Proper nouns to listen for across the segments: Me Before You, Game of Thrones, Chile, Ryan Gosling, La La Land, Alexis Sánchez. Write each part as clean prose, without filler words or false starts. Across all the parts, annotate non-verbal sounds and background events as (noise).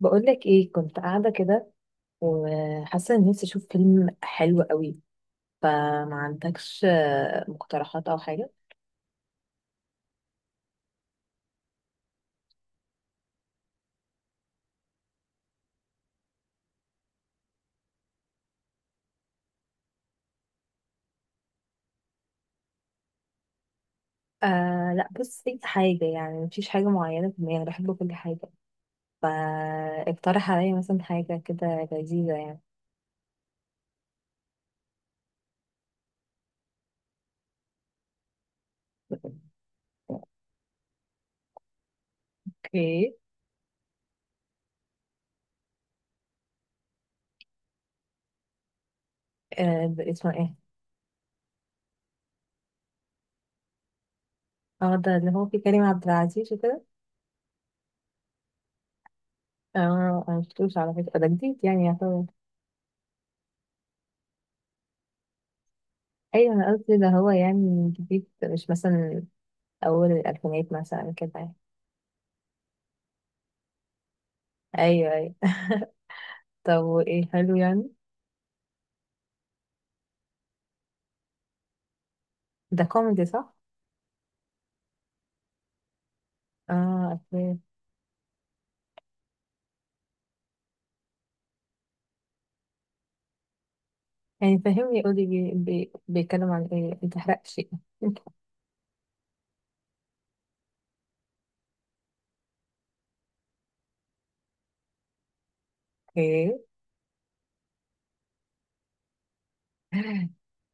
بقولك ايه، كنت قاعدة كده وحاسة ان نفسي اشوف فيلم حلو قوي. فما عندكش مقترحات او حاجة؟ لا بص اي حاجة يعني، مفيش حاجة معينة في دماغي، أنا بحب كل حاجة. فاقترح عليا مثلا حاجة كده لذيذة يعني. اوكي. آه ده اسمه ايه؟ اه ده اللي هو فيه كريم عبد العزيز وكده. اه انا مشفتوش على فكرة، ده جديد يعني يعتبر. ايوه انا قلت ده هو يعني جديد، مش مثلا اول الالفينات مثلا كده يعني. ايوه ايوه. طب وإيه حلو يعني؟ ده كوميدي صح؟ اه أوكي. يعني فهمني، قولي بي بي بيتكلم عن ايه، متحرقش يعني. (laughs) ايه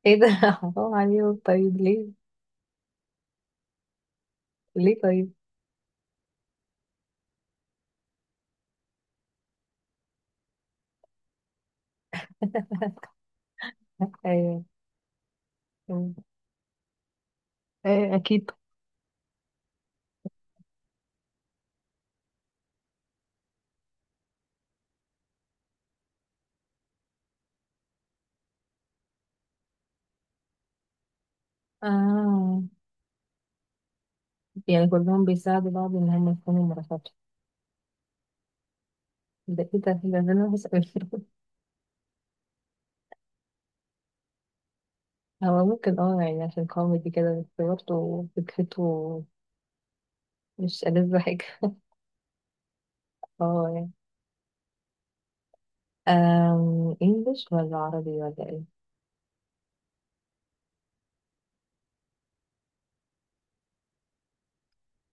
ايه ده (laughs) حرام عليهم، طيب ليه؟ ليه طيب؟ (laughs) ايوه. اكيد. اه يعني كلهم بيساعدوا بعض ان هم يكونوا مرافقات؟ ده ايه ده، انا بس. (laughs) هو ممكن اه يعني، عشان كوميدي كده، بس برضه فكرته مش ألذ حاجة. (laughs) اه يعني، انجلش ولا عربي ولا ايه؟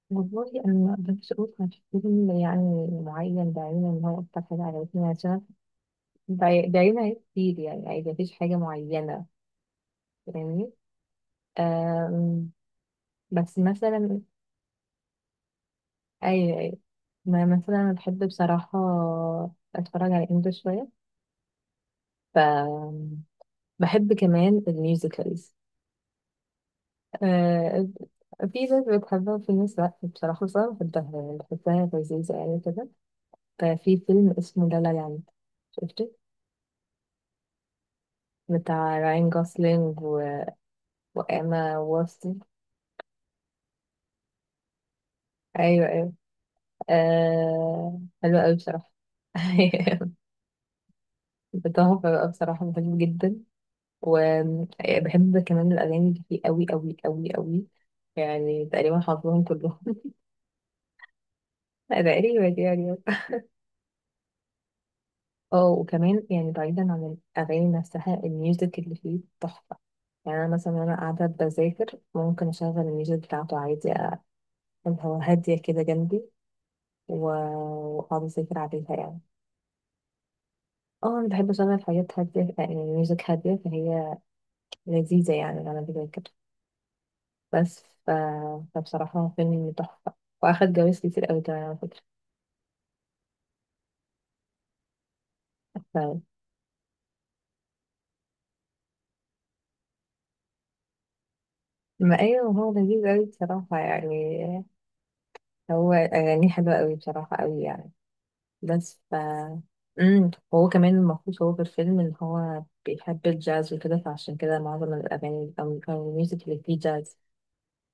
والله أنا ما أقدرش أقول كان في فيلم يعني معين بعينه إن هو أكتر حاجة عجبتني، عشان بعينها هي كتير يعني، عادي مفيش حاجة معينة. فاهمني. أم، بس مثلا أي ما مثلا أنا بحب بصراحة أتفرج على إنجلش شوية. ف بحب كمان الميوزيكالز. أه، في ناس بتحبها وفي ناس لأ بصراحة، بس أنا بحبها، يعني بحسها لذيذة يعني كده. ففي فيلم اسمه لا لا لاند، شفته، بتاع راين جوسلينج وإيما واتسون. أيوة أيوة. حلوة أوي بصراحة. (laughs) تحفة بقى بصراحة، بحبه جدا. وبحب كمان الأغاني اللي فيه أوي أوي أوي أوي، يعني تقريبا حافظهم كلهم. (laughs) تقريبا يعني. اه وكمان يعني بعيدا عن الأغاني نفسها، الميوزك اللي فيه تحفة. يعني أنا مثلا وأنا قاعدة بذاكر ممكن أشغل الميوزك بتاعته عادي، اللي هو هادية كده جنبي، و- وأقعد أذاكر عليها يعني. اه انا بحب اسمع الحاجات هادية، يعني ميوزك هادية، فهي لذيذة يعني غالبا كده كده. بس ف... فبصراحة هو فيلم تحفة، واخد جوائز كتير اوي كمان على فكرة. ف... ما ايوه هو لذيذ اوي بصراحة يعني. هو اغانيه حلوة اوي بصراحة اوي يعني. بس ف هو كمان المفروض هو في الفيلم ان هو بيحب الجاز وكده، فعشان كده معظم الاغاني او الميوزك اللي فيه جاز،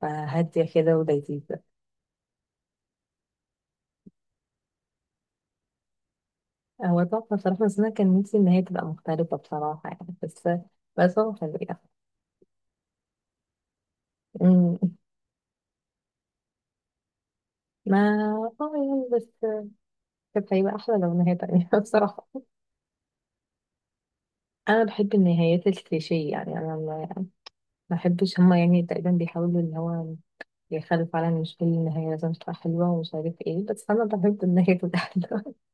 فهادية كده ولذيذة. هو تحفة بصراحة، بس أنا كان نفسي إن هي تبقى مختلفة بصراحة يعني، بس هو حلو يعني. أمم. ما اه يعني، بس كانت هيبقى أحلى لو نهاية تانية (laughs) بصراحة. أنا بحب النهايات الكليشيه يعني، أنا ما بحبش هما يعني تقريبا بيحاولوا إن هو يخلوا فعلا مش كل النهاية لازم تبقى حلوة ومش عارف ايه، بس أنا بحب النهاية تبقى حلوة. (laughs)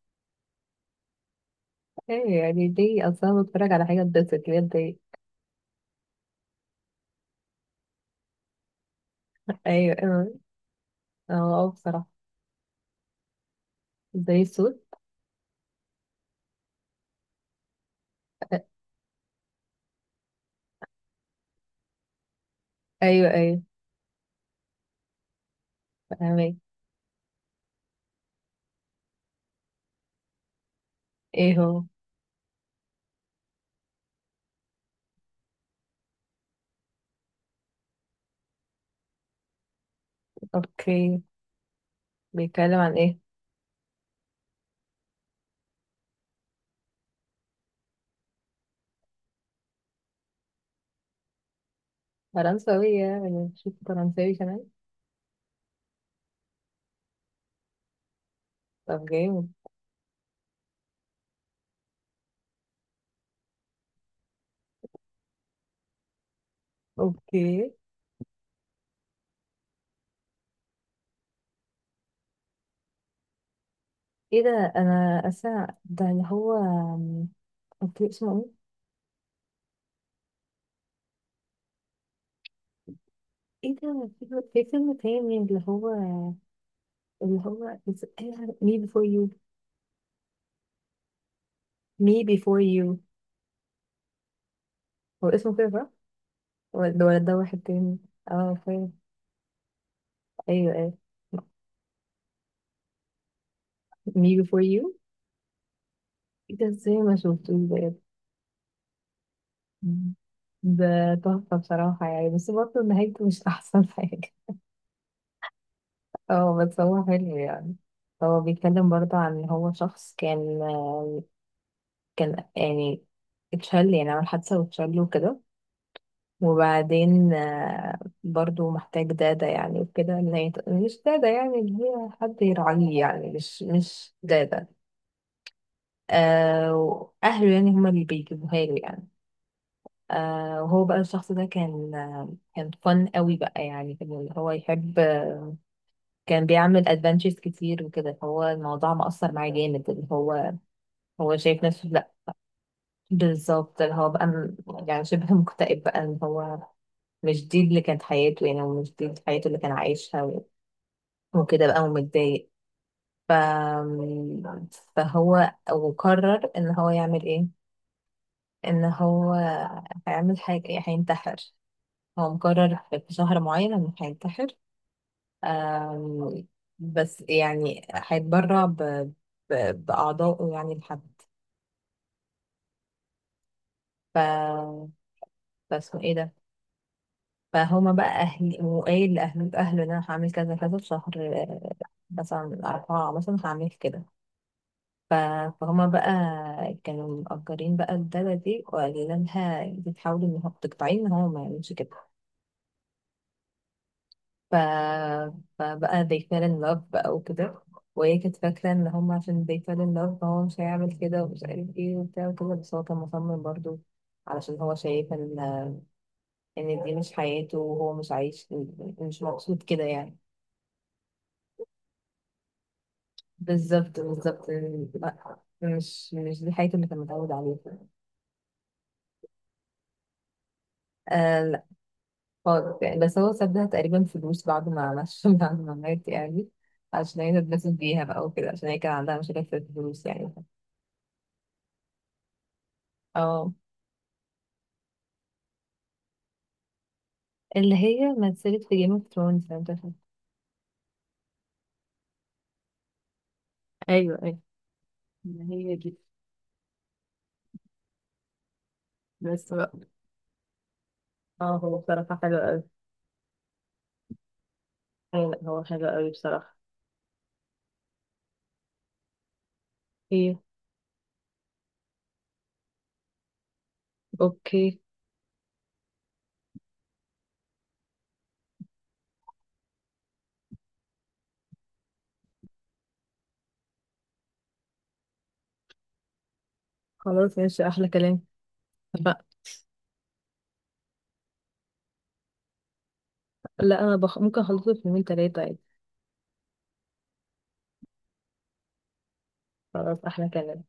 ايه يعني دي، أصلا بتفرج على حاجة تبسط ليه دي. أيوه أيوه. اه بصراحة زي الصوت. أيوه أيوه. فاهمك. ايه هو؟ اوكي، بيتكلم عن ايه؟ فرنساوية، بنشوف فرنساوي كمان. طب جامد. اوكي. ايه ده؟ انا اسا ده اللي هو، اوكي اسمه ايه؟ ايه ده، في في فيلم تاني، اللي هو إيه؟ me before you. me before you. هو اسمه كده صح، ولا ده واحد تاني؟ اه فاهم. ايوه ايوه. me before you. ايه ده، ازاي ما شفتوش ده؟ ده تحفة بصراحة يعني، بس برضه نهايته مش (laughs) أحسن حاجة. اه بس هو حلو يعني. هو بيتكلم برضه عن ان هو شخص كان، كان يعني اتشل يعني، عمل حادثة واتشل وكده. وبعدين برضه محتاج دادة يعني وكده، إن مش دادة يعني، اللي هي حد يراعيه يعني، مش دادة. آه وأهله يعني هما اللي بيجيبوها له يعني. آه وهو بقى الشخص ده كان كان فن قوي بقى يعني، كان اللي هو يحب، كان بيعمل ادفنتشرز كتير وكده. هو الموضوع مأثر معاه جامد، اللي هو هو شايف نفسه لا. بالظبط، اللي هو بقى يعني شبه مكتئب بقى، اللي هو مش دي اللي كانت حياته يعني، ومش دي حياته اللي كان عايشها، وكده بقى ومتضايق. ف... فهو وقرر ان هو يعمل ايه؟ ان هو هيعمل حاجة، هينتحر. هو مقرر في شهر معين انه هينتحر. أم... بس يعني هيتبرع بأعضائه يعني. ف فاسمه ايه ده، فهما بقى اهلي وقايل اهله ان انا هعمل كذا كذا في شهر مثلا اربعة مثلا هعمل كده. ف- فهما بقى كانوا مأجرين بقى الدادة دي وقالوا لها انتي تحاولي ان هو تقطعيه، ان هو ما يعملش كده. ف... فبقى they fell in love بقى وكده. وهي كانت فاكرة ان هما عشان they fell in love فهو مش هيعمل كده ومش عارف ايه وبتاع وكده، بس هو كان مصمم برضه علشان هو شايف ان دي مش حياته وهو مش عايش، مش مبسوط كده يعني. بالظبط بالظبط. لا مش دي حياته اللي كان متعود عليها. آه لا خالص يعني. بس هو سابها تقريبا فلوس بعد ما عملش (laughs) بعد ما مات يعني، عشان هي تتبسط بيها بقى وكده، عشان هي كان عندها مشاكل في الفلوس يعني. اه. اللي هي مثلت في جيم اوف ثرونز لو انت فاكر. ايوه ايوه ما هي دي. بس بقى، اه هو بصراحة حلو قوي. هو حلو قوي بصراحة. ايه. اوكي. خلاص ماشي، احلى كلام. لا. لا انا ممكن اخلصه في يومين تلاتة عادي. خلاص احلى كلام.